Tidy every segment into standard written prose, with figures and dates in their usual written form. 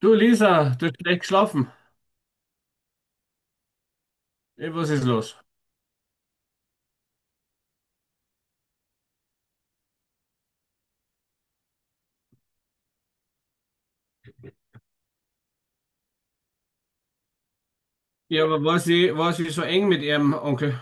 Du Lisa, du hast schlecht geschlafen. Was ist los? Ja, aber war sie so eng mit ihrem Onkel?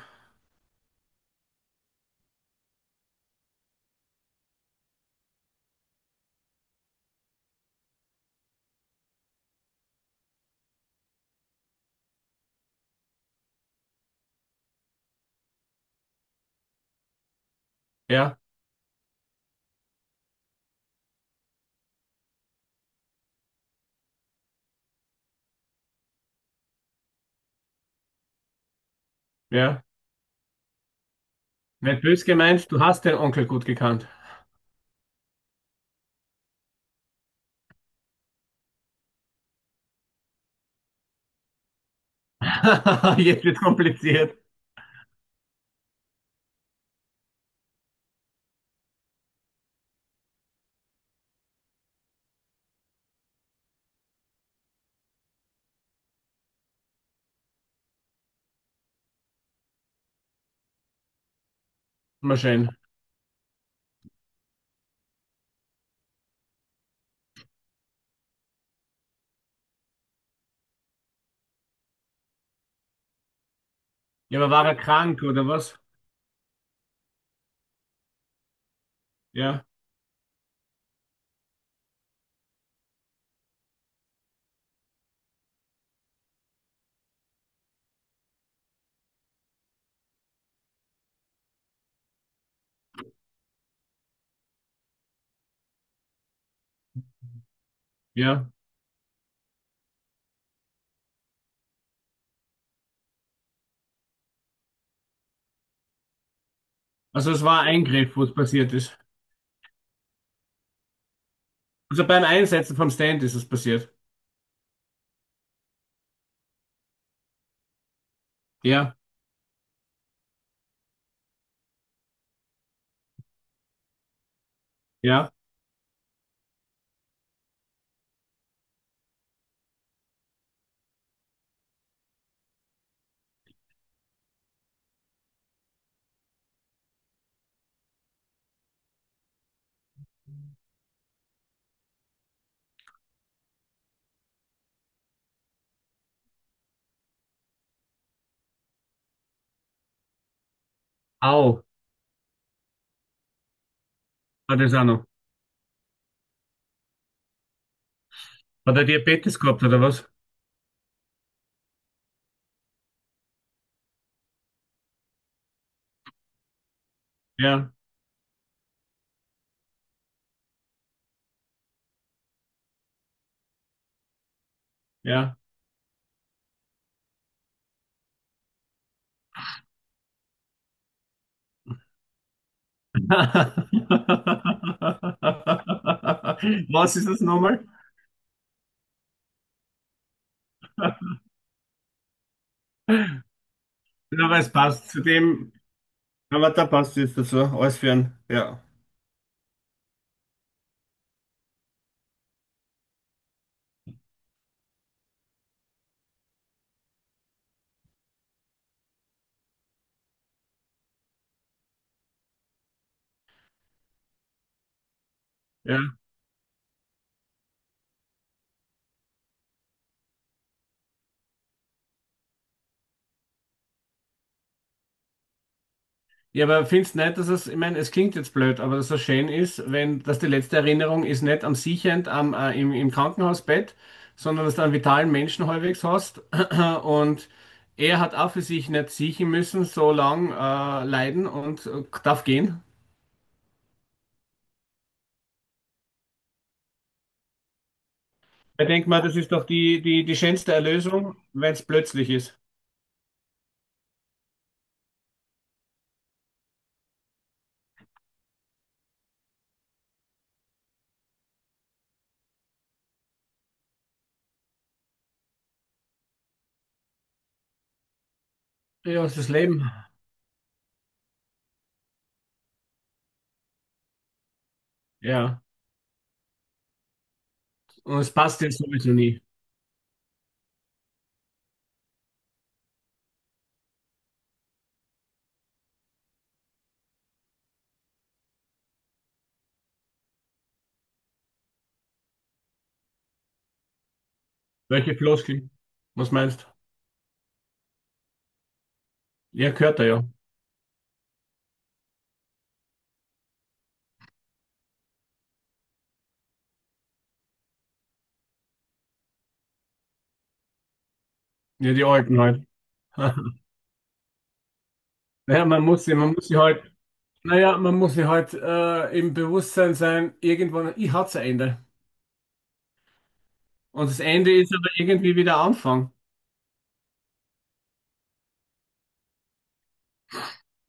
Ja, ja. Nicht böse gemeint, du hast den Onkel gut gekannt. Jetzt wird kompliziert. Mal schön. Ja, aber war er krank oder was? Ja, ja. Also es war ein Eingriff, wo es passiert ist. Also beim Einsetzen vom Stand ist es passiert. Ja, ja. Au, hat es auch noch. Hat er Diabetes gehabt oder was? Ja, ja. Was ist das nochmal? Ja, aber es passt zu dem, aber da passt es dazu, alles für ja. Ja, ja, aber findest nicht, dass es, ich meine, es klingt jetzt blöd, aber dass es so schön ist, wenn das die letzte Erinnerung ist, nicht am Siechend am, im, im Krankenhausbett, sondern dass du einen vitalen Menschen halbwegs hast und er hat auch für sich nicht siechen müssen, so lang leiden und darf gehen. Ich denke mal, das ist doch die schönste Erlösung, wenn es plötzlich ist. Ja, es ist das Leben. Ja, und es passt ja sowieso nie. Welche Floskel? Was meinst du? Ja, gehört er ja. Ja, die alten halt. Naja, man muss sie halt im Bewusstsein sein, irgendwann, ich hat's ein Ende. Und das Ende ist aber irgendwie wieder Anfang.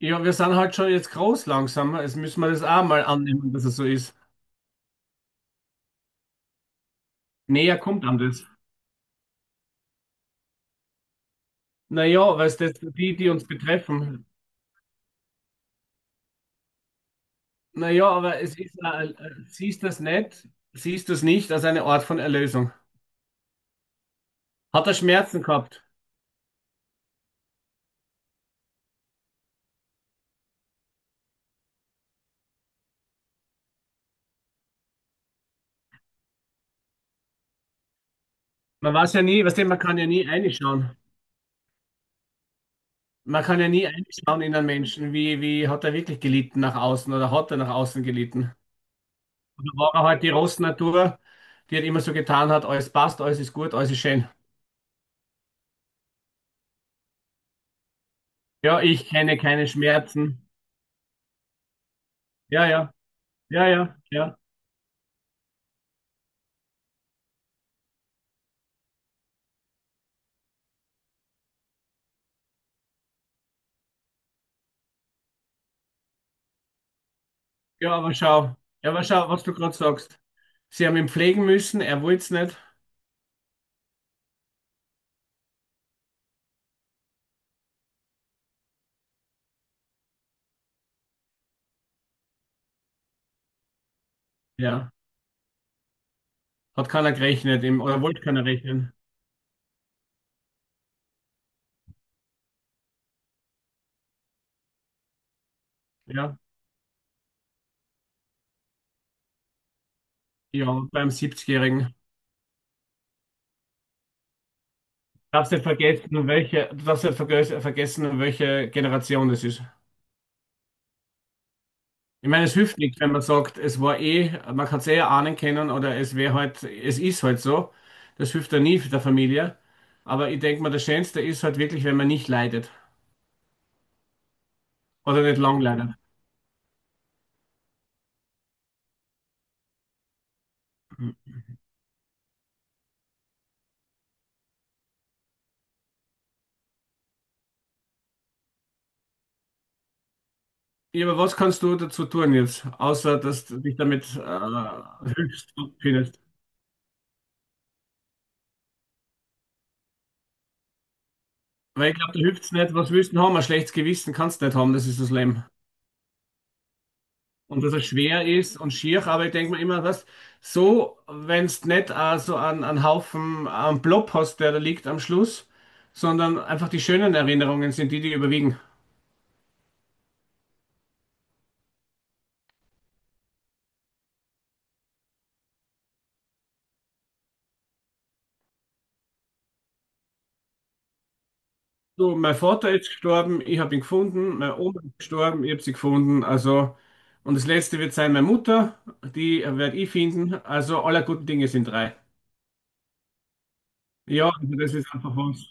Ja, wir sind halt schon jetzt groß langsam. Jetzt müssen wir das auch mal annehmen, dass es so ist. Näher kommt an das. Naja, weil es das, die, die uns betreffen. Naja, aber es ist, siehst das nicht, siehst du es nicht als eine Art von Erlösung. Hat er Schmerzen gehabt? Man weiß ja nie, weißt du, man kann ja nie reinschauen. Man kann ja nie reinschauen in einen Menschen, wie, wie hat er wirklich gelitten nach außen oder hat er nach außen gelitten. Und da war er halt die Rossnatur, die hat immer so getan hat, alles passt, alles ist gut, alles ist schön. Ja, ich kenne keine Schmerzen. Ja, ja, ja, ja, ja. Ja, aber schau. Ja, aber schau, was du gerade sagst. Sie haben ihn pflegen müssen, er wollte es nicht. Ja, hat keiner gerechnet, im, oder wollte keiner rechnen. Ja, ja, beim 70-Jährigen. Darfst nicht vergessen, um welche, du darfst nicht vergessen, um welche Generation das ist. Ich meine, es hilft nichts, wenn man sagt, es war eh, man kann es eh ahnen können oder es wäre halt, es ist halt so. Das hilft ja nie für der Familie. Aber ich denke mal, das Schönste ist halt wirklich, wenn man nicht leidet oder nicht lang leidet. Ja, aber was kannst du dazu tun jetzt, außer dass du dich damit hilfst und findest? Weil ich glaube, da hilft es nicht. Was willst du denn haben? Ein schlechtes Gewissen kannst du nicht haben, das ist das Leben. Und dass er schwer ist und schier, aber ich denke mir immer, was, so, wenn es nicht auch so an, an Haufen, an Blob hast, der da liegt am Schluss, sondern einfach die schönen Erinnerungen sind die, die überwiegen. So, mein Vater ist gestorben, ich habe ihn gefunden, meine Oma ist gestorben, ich habe sie gefunden, also, und das letzte wird sein, meine Mutter, die werde ich finden, also aller guten Dinge sind drei. Ja, also das ist einfach was.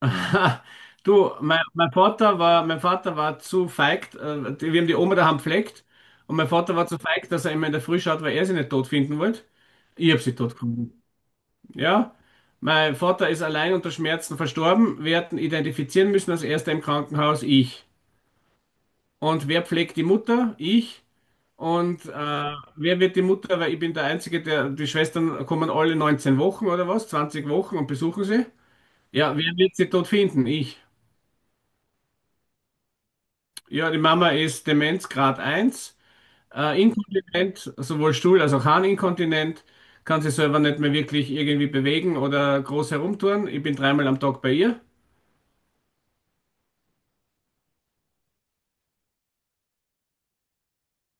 Aha. Du, mein Vater war, mein Vater war zu feig, die- wir haben die Oma daheim gepflegt und mein Vater war zu feig, dass er immer in der Früh schaut, weil er sie nicht tot finden wollte. Ich habe sie tot gefunden. Ja, mein Vater ist allein unter Schmerzen verstorben. Wir hätten identifizieren müssen als erster im Krankenhaus ich. Und wer pflegt die Mutter? Ich. Und wer wird die Mutter? Weil ich bin der Einzige, der, die Schwestern kommen alle 19 Wochen oder was, 20 Wochen und besuchen sie. Ja, wer wird sie tot finden? Ich. Ja, die Mama ist Demenzgrad 1, inkontinent, sowohl Stuhl- als auch Harninkontinent, kann sich selber nicht mehr wirklich irgendwie bewegen oder groß herumtouren. Ich bin dreimal am Tag bei ihr.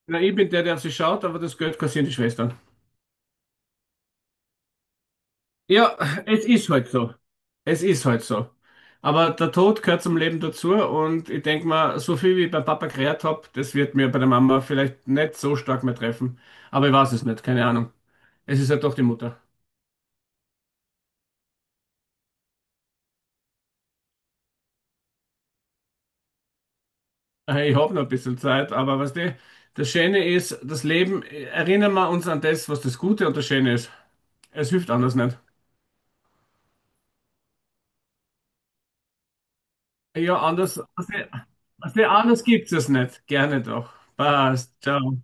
Na, ich bin der, der auf sie schaut, aber das Geld kassieren die Schwestern. Ja, es ist halt so. Es ist halt so. Aber der Tod gehört zum Leben dazu und ich denke mal, so viel wie ich beim Papa gerät habe, das wird mir bei der Mama vielleicht nicht so stark mehr treffen. Aber ich weiß es nicht, keine Ahnung. Es ist halt doch die Mutter. Ich habe noch ein bisschen Zeit, aber was die, das Schöne ist, das Leben, erinnern wir uns an das, was das Gute und das Schöne ist. Es hilft anders nicht. Ja, anders, was die, anders gibt es nicht. Gerne doch. Passt. Ciao.